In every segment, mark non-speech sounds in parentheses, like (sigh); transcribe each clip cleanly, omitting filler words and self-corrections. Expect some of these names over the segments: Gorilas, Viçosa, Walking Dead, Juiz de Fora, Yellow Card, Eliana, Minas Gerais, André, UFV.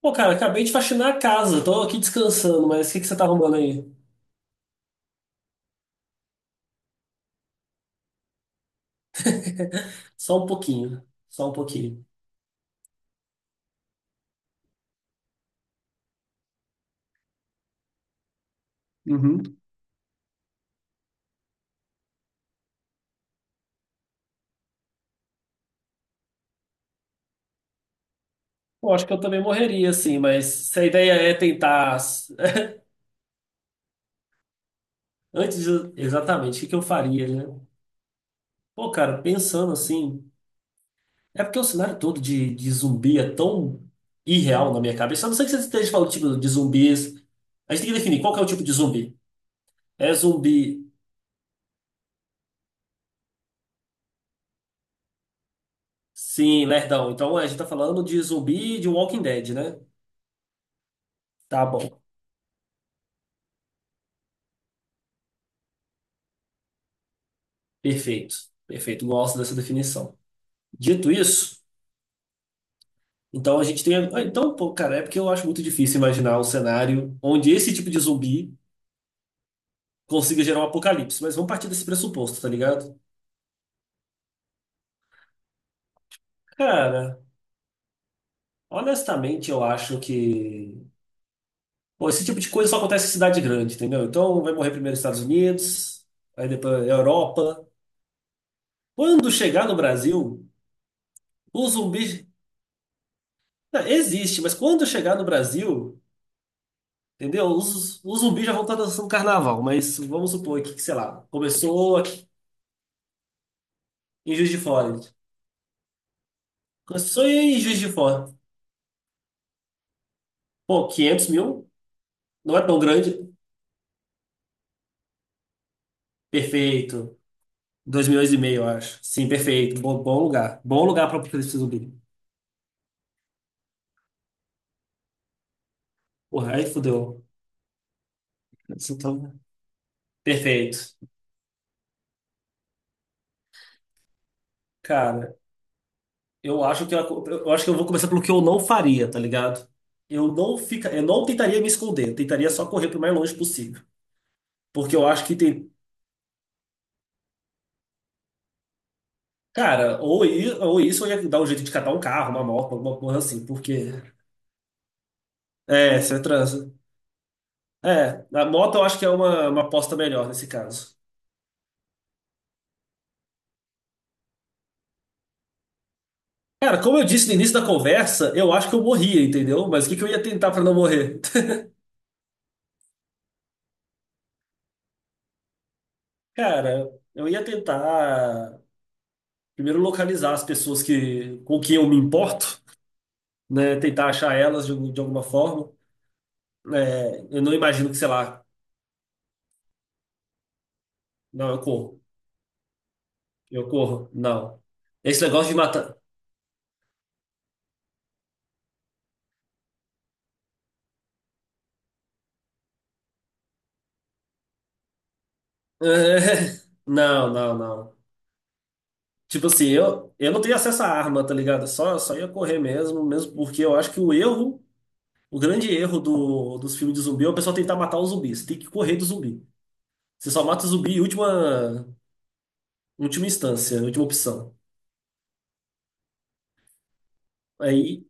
Pô, cara, acabei de faxinar a casa, tô aqui descansando, mas o que que você tá arrumando aí? (laughs) Só um pouquinho, só um pouquinho. Uhum. Pô, acho que eu também morreria, assim, mas se a ideia é tentar. (laughs) Antes, exatamente, o que que eu faria, né? Pô, cara, pensando assim. É porque o cenário todo de zumbi é tão irreal na minha cabeça. A não ser que você esteja falando, tipo, de zumbis. A gente tem que definir qual que é o tipo de zumbi. É zumbi, sim, lerdão. Então a gente tá falando de zumbi de Walking Dead, né? Tá bom. Perfeito, perfeito. Gosto dessa definição. Dito isso, então a gente tem. Então, pô, cara, é porque eu acho muito difícil imaginar um cenário onde esse tipo de zumbi consiga gerar um apocalipse, mas vamos partir desse pressuposto, tá ligado? Cara, honestamente, eu acho que. Pô, esse tipo de coisa só acontece em cidade grande, entendeu? Então vai morrer primeiro nos Estados Unidos, aí depois Europa. Quando chegar no Brasil, o zumbi. Não, existe, mas quando chegar no Brasil. Entendeu? Os zumbis já vão estar dançando carnaval, mas vamos supor aqui que, sei lá, começou aqui em Juiz de Fora. Começou em Juiz de Fora. Pô, 500 mil? Não é tão grande? Perfeito. 2 milhões e meio, eu acho. Sim, perfeito. Bom, bom lugar. Bom lugar para apocalipse zumbi. Porra, aí fudeu. Isso então, perfeito. Cara, eu acho que eu, eu acho que eu vou começar pelo que eu não faria, tá ligado? Eu não tentaria me esconder, eu tentaria só correr pro mais longe possível. Porque eu acho que. Cara, ou isso, ou ia dar um jeito de catar um carro, uma moto, alguma coisa assim, porque. É, você transa. É, a moto eu acho que é uma aposta melhor nesse caso. Cara, como eu disse no início da conversa, eu acho que eu morria, entendeu? Mas o que que eu ia tentar pra não morrer? (laughs) Cara, eu ia tentar primeiro localizar as pessoas que, com quem eu me importo, né? Tentar achar elas de alguma forma. É, eu não imagino que, sei lá, não, eu corro. Eu corro, não. Esse negócio de matar. (laughs) É, não. Tipo assim, eu não tenho acesso à arma, tá ligado? Só ia correr mesmo, mesmo porque eu acho que o erro, o grande erro dos filmes de zumbi é o pessoal tentar matar os zumbis. Você tem que correr do zumbi. Você só mata o zumbi em última, última instância, última opção. Aí,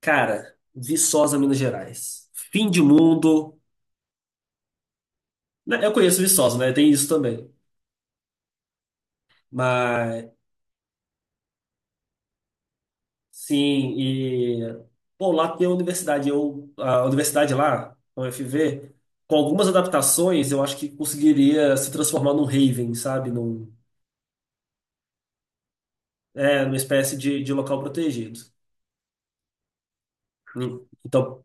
cara, Viçosa, Minas Gerais. Fim de mundo. Né, eu conheço Viçosa, né? Tem isso também, mas sim. E bom, lá tem a universidade, eu a universidade lá, a UFV, com algumas adaptações, eu acho que conseguiria se transformar num haven, sabe? Num, é, numa espécie de local protegido. Hum. Então,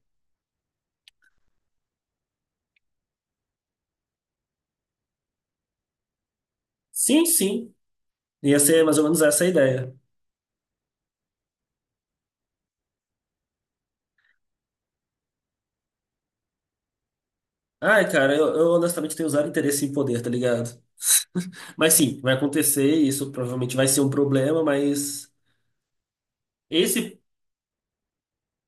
sim, ia ser mais ou menos essa a ideia. Ai, cara, eu honestamente tenho zero interesse em poder, tá ligado? Mas sim, vai acontecer, isso provavelmente vai ser um problema, mas esse,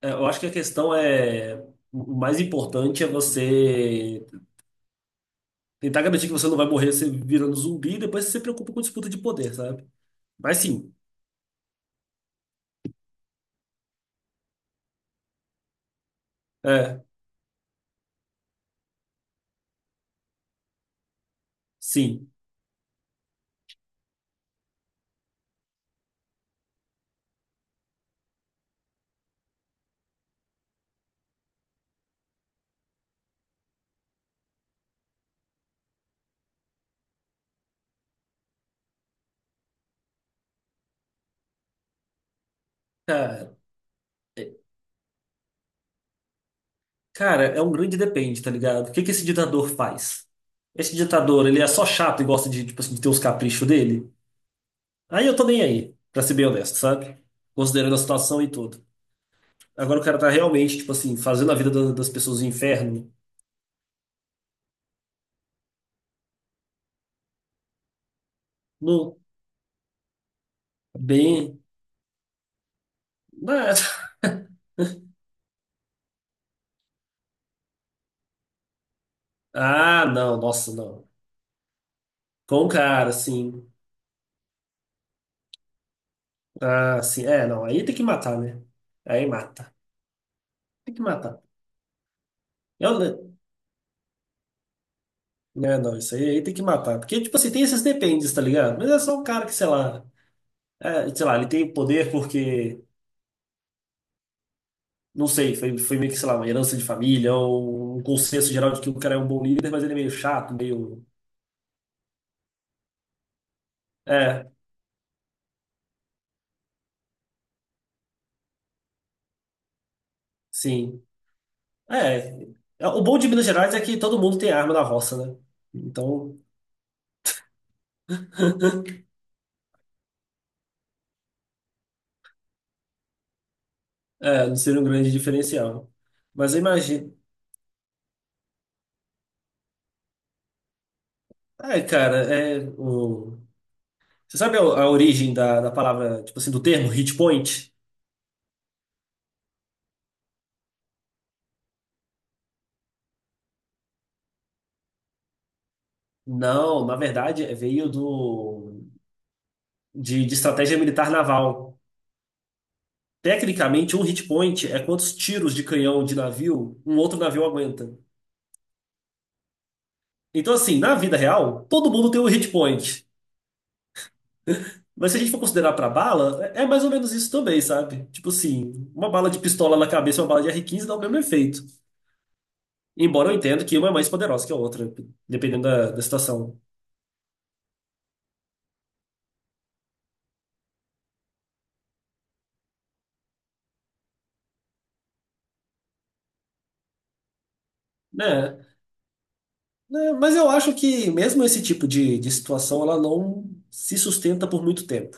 é, eu acho que a questão é, o mais importante é você tentar garantir que você não vai morrer se virando zumbi e depois você se preocupa com disputa de poder, sabe? Mas sim, é, sim. Cara, é, cara, é um grande depende, tá ligado? O que que esse ditador faz? Esse ditador, ele é só chato e gosta de, tipo assim, de ter os caprichos dele? Aí eu tô nem aí, pra ser bem honesto, sabe? Considerando a situação e tudo. Agora o cara tá realmente, tipo assim, fazendo a vida das pessoas no inferno. No, bem. Ah, (laughs) ah, não, nossa, não. Com o cara, assim. Ah, sim. É, não. Aí tem que matar, né? Aí mata. Tem que matar. Eu, né? Né, não, isso aí, aí tem que matar. Porque, tipo assim, tem esses dependes, tá ligado? Mas é só um cara que, sei lá. É, sei lá, ele tem poder porque. Não sei, foi meio que, sei lá, uma herança de família ou um consenso geral de que o cara é um bom líder, mas ele é meio chato, meio. É, sim. É, é. O bom de Minas Gerais é que todo mundo tem arma na roça, né? Então, (laughs) é, não seria um grande diferencial. Mas eu imagino. É, cara, é. O... Você sabe a origem da palavra, tipo assim, do termo hit point? Não, na verdade, veio de estratégia militar naval. Tecnicamente, um hit point é quantos tiros de canhão de navio um outro navio aguenta. Então, assim, na vida real, todo mundo tem um hit point. Mas se a gente for considerar pra bala, é, é mais ou menos isso também, sabe? Tipo assim, uma bala de pistola na cabeça e uma bala de r quinze dá o mesmo efeito. Embora eu entenda que uma é mais poderosa que a outra, dependendo da situação. Né? Né, mas eu acho que mesmo esse tipo de situação, ela não se sustenta por muito tempo.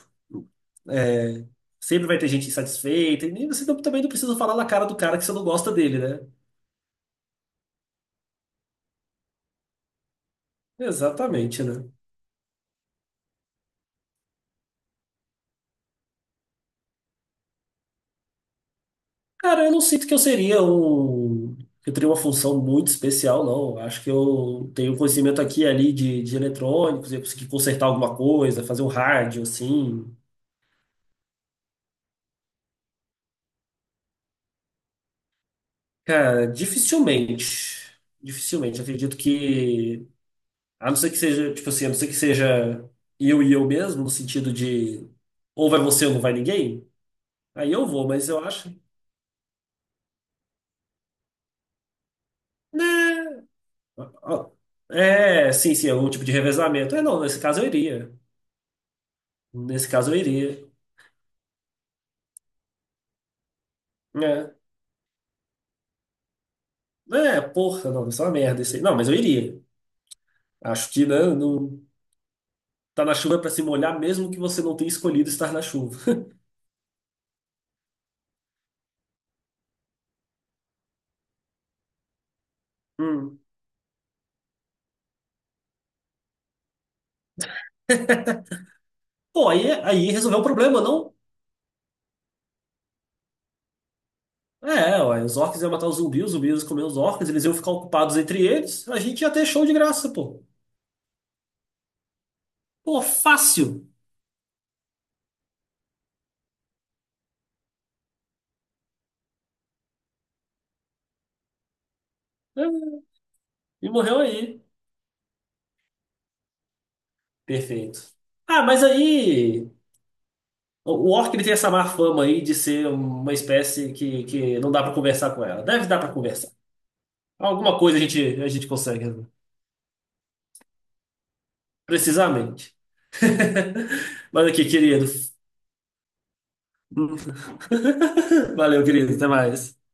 É, sempre vai ter gente insatisfeita, e você também não precisa falar na cara do cara que você não gosta dele, né? Exatamente, né? Cara, eu não sinto que eu seria um. Que Eu teria uma função muito especial, não. Eu acho que eu tenho um conhecimento aqui e ali de eletrônicos, eu consegui consertar alguma coisa, fazer um rádio, assim. Cara, dificilmente. Dificilmente. Acredito que. A não ser que seja eu e eu mesmo, no sentido de ou vai você ou não vai ninguém, aí eu vou, mas eu acho. Né? Ó, é, sim, sim, é um tipo de revezamento. É, não, nesse caso eu iria. Nesse caso eu iria. É, é porra, não, isso é uma merda isso aí. Não, mas eu iria. Acho que né, não, tá na chuva é pra se molhar, mesmo que você não tenha escolhido estar na chuva. (laughs) Hum. Pô, aí, aí resolveu o problema, não? É, ué, os orcs iam matar os zumbis iam comer os orcs, eles iam ficar ocupados entre eles, a gente ia ter show de graça, pô. Pô, fácil. É, e morreu aí. Perfeito. Ah, mas aí o orc ele tem essa má fama aí de ser uma espécie que não dá pra conversar com ela. Deve dar pra conversar. Alguma coisa a gente consegue, né? Precisamente. (laughs) Mas aqui, querido. (laughs) Valeu, querido. Até mais.